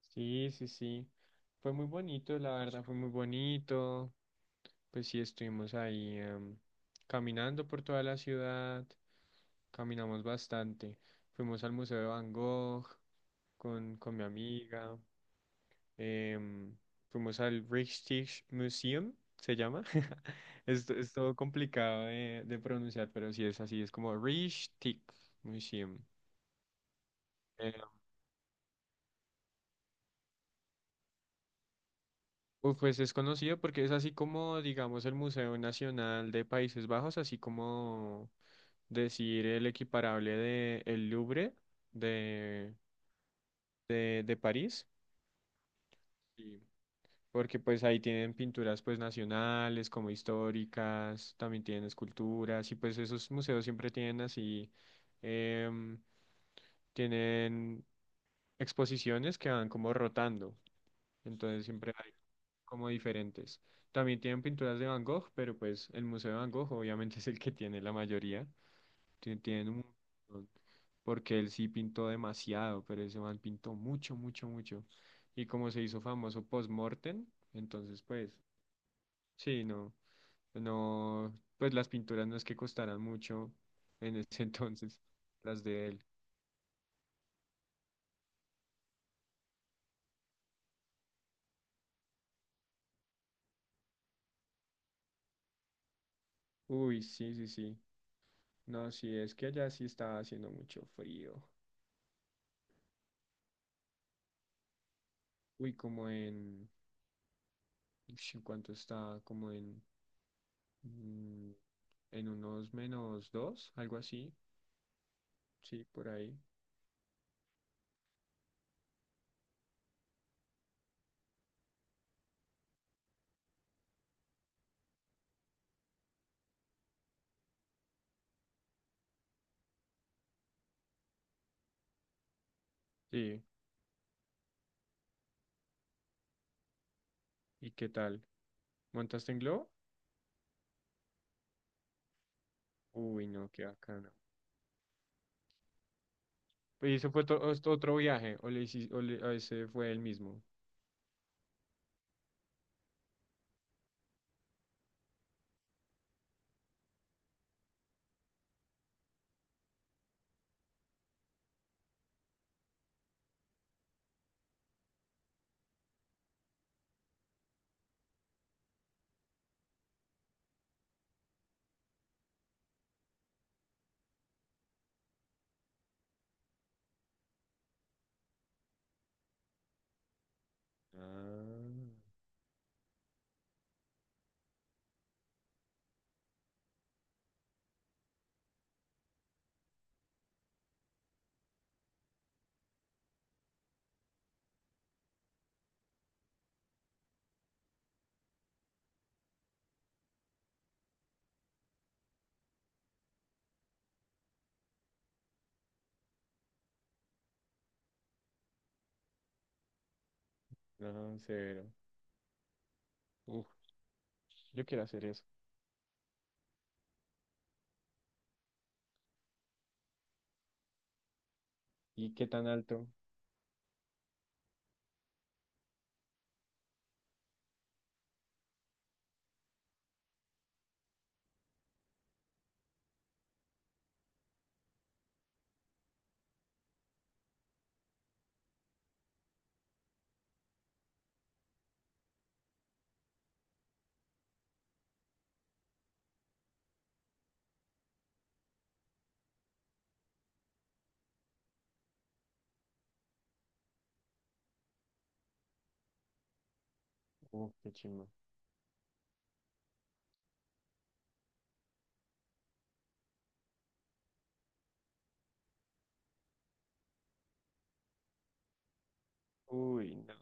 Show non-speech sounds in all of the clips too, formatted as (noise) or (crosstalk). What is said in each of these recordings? Sí, sí, sí. Fue muy bonito, la verdad, fue muy bonito. Pues sí, estuvimos ahí caminando por toda la ciudad, caminamos bastante. Fuimos al Museo de Van Gogh con mi amiga. em, Fuimos al Rijksmuseum, Museum, se llama. (laughs) Es todo complicado de pronunciar, pero sí es así, es como Rijksmuseum. Uf, pues es conocido porque es así como, digamos, el Museo Nacional de Países Bajos, así como decir el equiparable de el Louvre de, de París. Sí. Porque pues ahí tienen pinturas pues nacionales, como históricas, también tienen esculturas y pues esos museos siempre tienen así, em, tienen exposiciones que van como rotando. Entonces siempre hay como diferentes. También tienen pinturas de Van Gogh, pero pues el Museo de Van Gogh obviamente (laughs) es el que tiene la mayoría. Tienen un montón, porque él sí pintó demasiado, pero ese man pintó mucho, mucho, mucho. Y como se hizo famoso post-mortem, entonces pues, sí, no, no, pues las pinturas no es que costaran mucho en ese (laughs) entonces, las de él. Uy, sí, sí, sí. No, sí, es que allá sí estaba haciendo mucho frío. Uy, como en... Ush, ¿en cuánto está? Como en, mm, en unos menos dos, algo así. Sí, por ahí. Sí. ¿Y qué tal? ¿Montaste en globo? Uy, no, qué bacano. ¿Y ese fue otro viaje? ¿O, le hici- o le- o ese fue el mismo? Ah, no, severo. Uf, yo quiero hacer eso. ¿Y qué tan alto? Uf, qué chingo. Uy, no.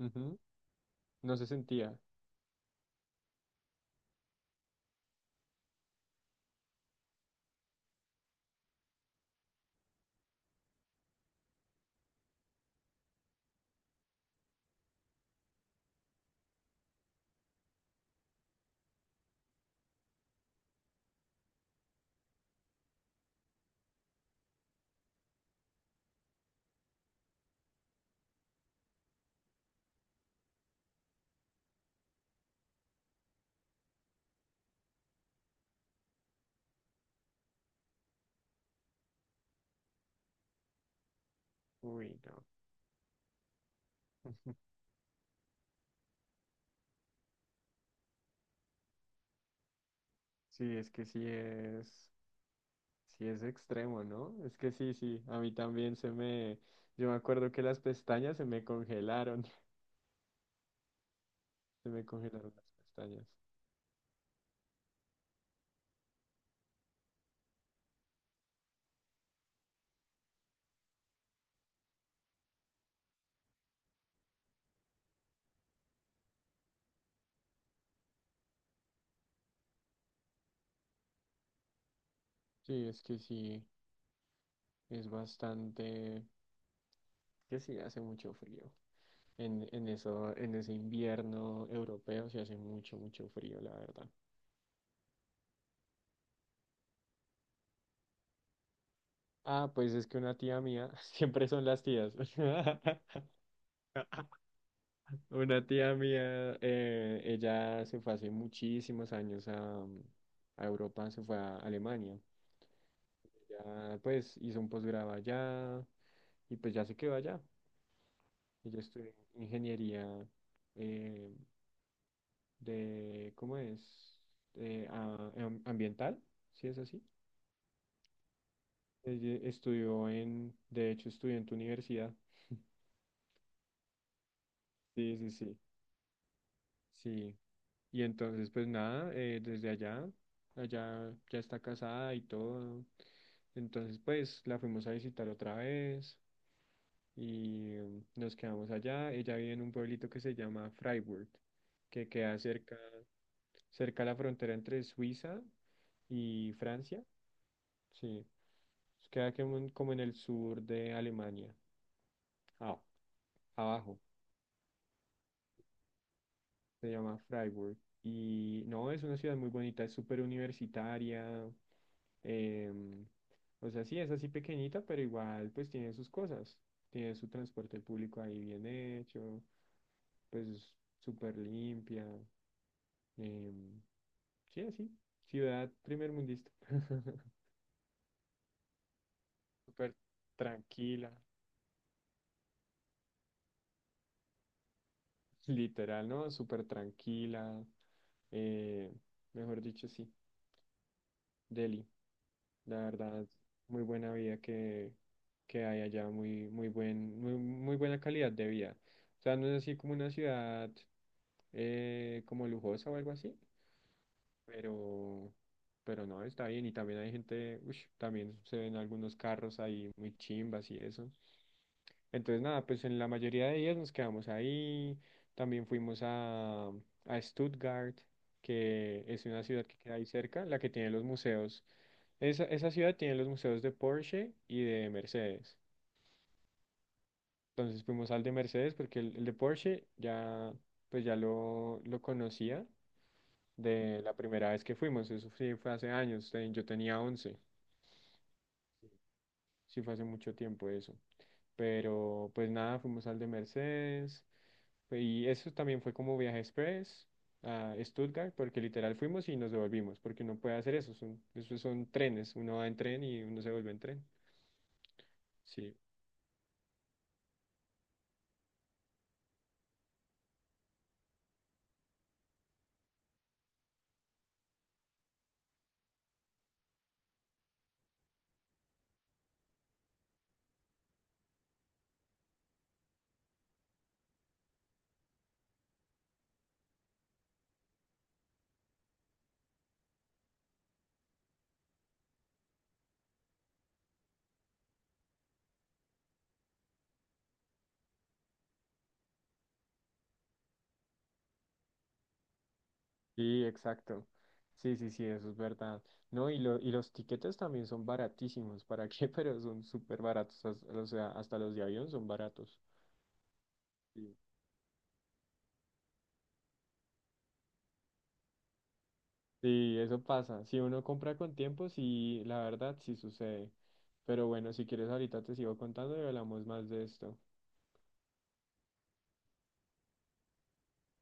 Ujú, no se sentía. Uy, no. (laughs) Sí, es que sí es. Sí, es extremo, ¿no? Es que sí, sí, a mí también se me... Yo me acuerdo que las pestañas se me congelaron, (laughs) se me congelaron las pestañas. Sí, es que sí, es bastante... Que sí, hace mucho frío. En eso, en ese invierno europeo se hace mucho, mucho frío, la verdad. Ah, pues es que una tía mía, (laughs) siempre son las tías. (laughs) Una tía mía, ella se fue hace muchísimos años a Europa, se fue a Alemania. Ya, pues hizo un posgrado allá y pues ya se quedó allá. Ella estudió ingeniería eh, de, ¿cómo es? Ah, ambiental, si es así. Ella estudió en, de hecho estudió en tu universidad. Sí, sí, sí, sí. Y entonces, pues nada, desde allá, allá ya está casada y todo. Entonces, pues la fuimos a visitar otra vez y nos quedamos allá. Ella vive en un pueblito que se llama Freiburg, que queda cerca, cerca a la frontera entre Suiza y Francia. Sí, queda como en, como en el sur de Alemania, ah, abajo. Se llama Freiburg. Y no, es una ciudad muy bonita, es súper universitaria. em, o sea, sí, es así pequeñita, pero igual pues tiene sus cosas. Tiene su transporte público ahí bien hecho, pues súper limpia. em, sí, así. Ciudad primer mundista. (laughs) Súper tranquila. Literal, ¿no? Súper tranquila. eh, Mejor dicho, sí. Delhi. La verdad, muy buena vida que hay allá, muy, muy buen, muy, muy buena calidad de vida. O sea, no es así como una ciudad como lujosa o algo así, pero, pero no, está bien. Y también hay gente, ush, también se ven algunos carros ahí muy chimbas y eso. Entonces, nada, pues en la mayoría de días nos quedamos ahí. También fuimos a Stuttgart, que es una ciudad que queda ahí cerca, la que tiene los museos. Esa ciudad tiene los museos de Porsche y de Mercedes. Entonces fuimos al de Mercedes porque el de Porsche ya, pues ya lo conocía de la primera vez que fuimos. Eso sí fue hace años. Yo tenía 11. Sí fue hace mucho tiempo eso. Pero pues nada, fuimos al de Mercedes. Y eso también fue como viaje express a Stuttgart porque literal fuimos y nos devolvimos porque uno puede hacer eso. Son, esos son trenes. Uno va en tren y uno se vuelve en tren. Sí. Sí, exacto. Sí, sí, sí, eso es verdad. No, y, lo, y los tiquetes también son baratísimos. ¿Para qué? (laughs) Pero son súper baratos. O sea, hasta los de avión son baratos. Sí. Sí, eso pasa. Si uno compra con tiempo, sí, la verdad, sí sucede. Pero bueno, si quieres, ahorita te sigo contando y hablamos más de esto.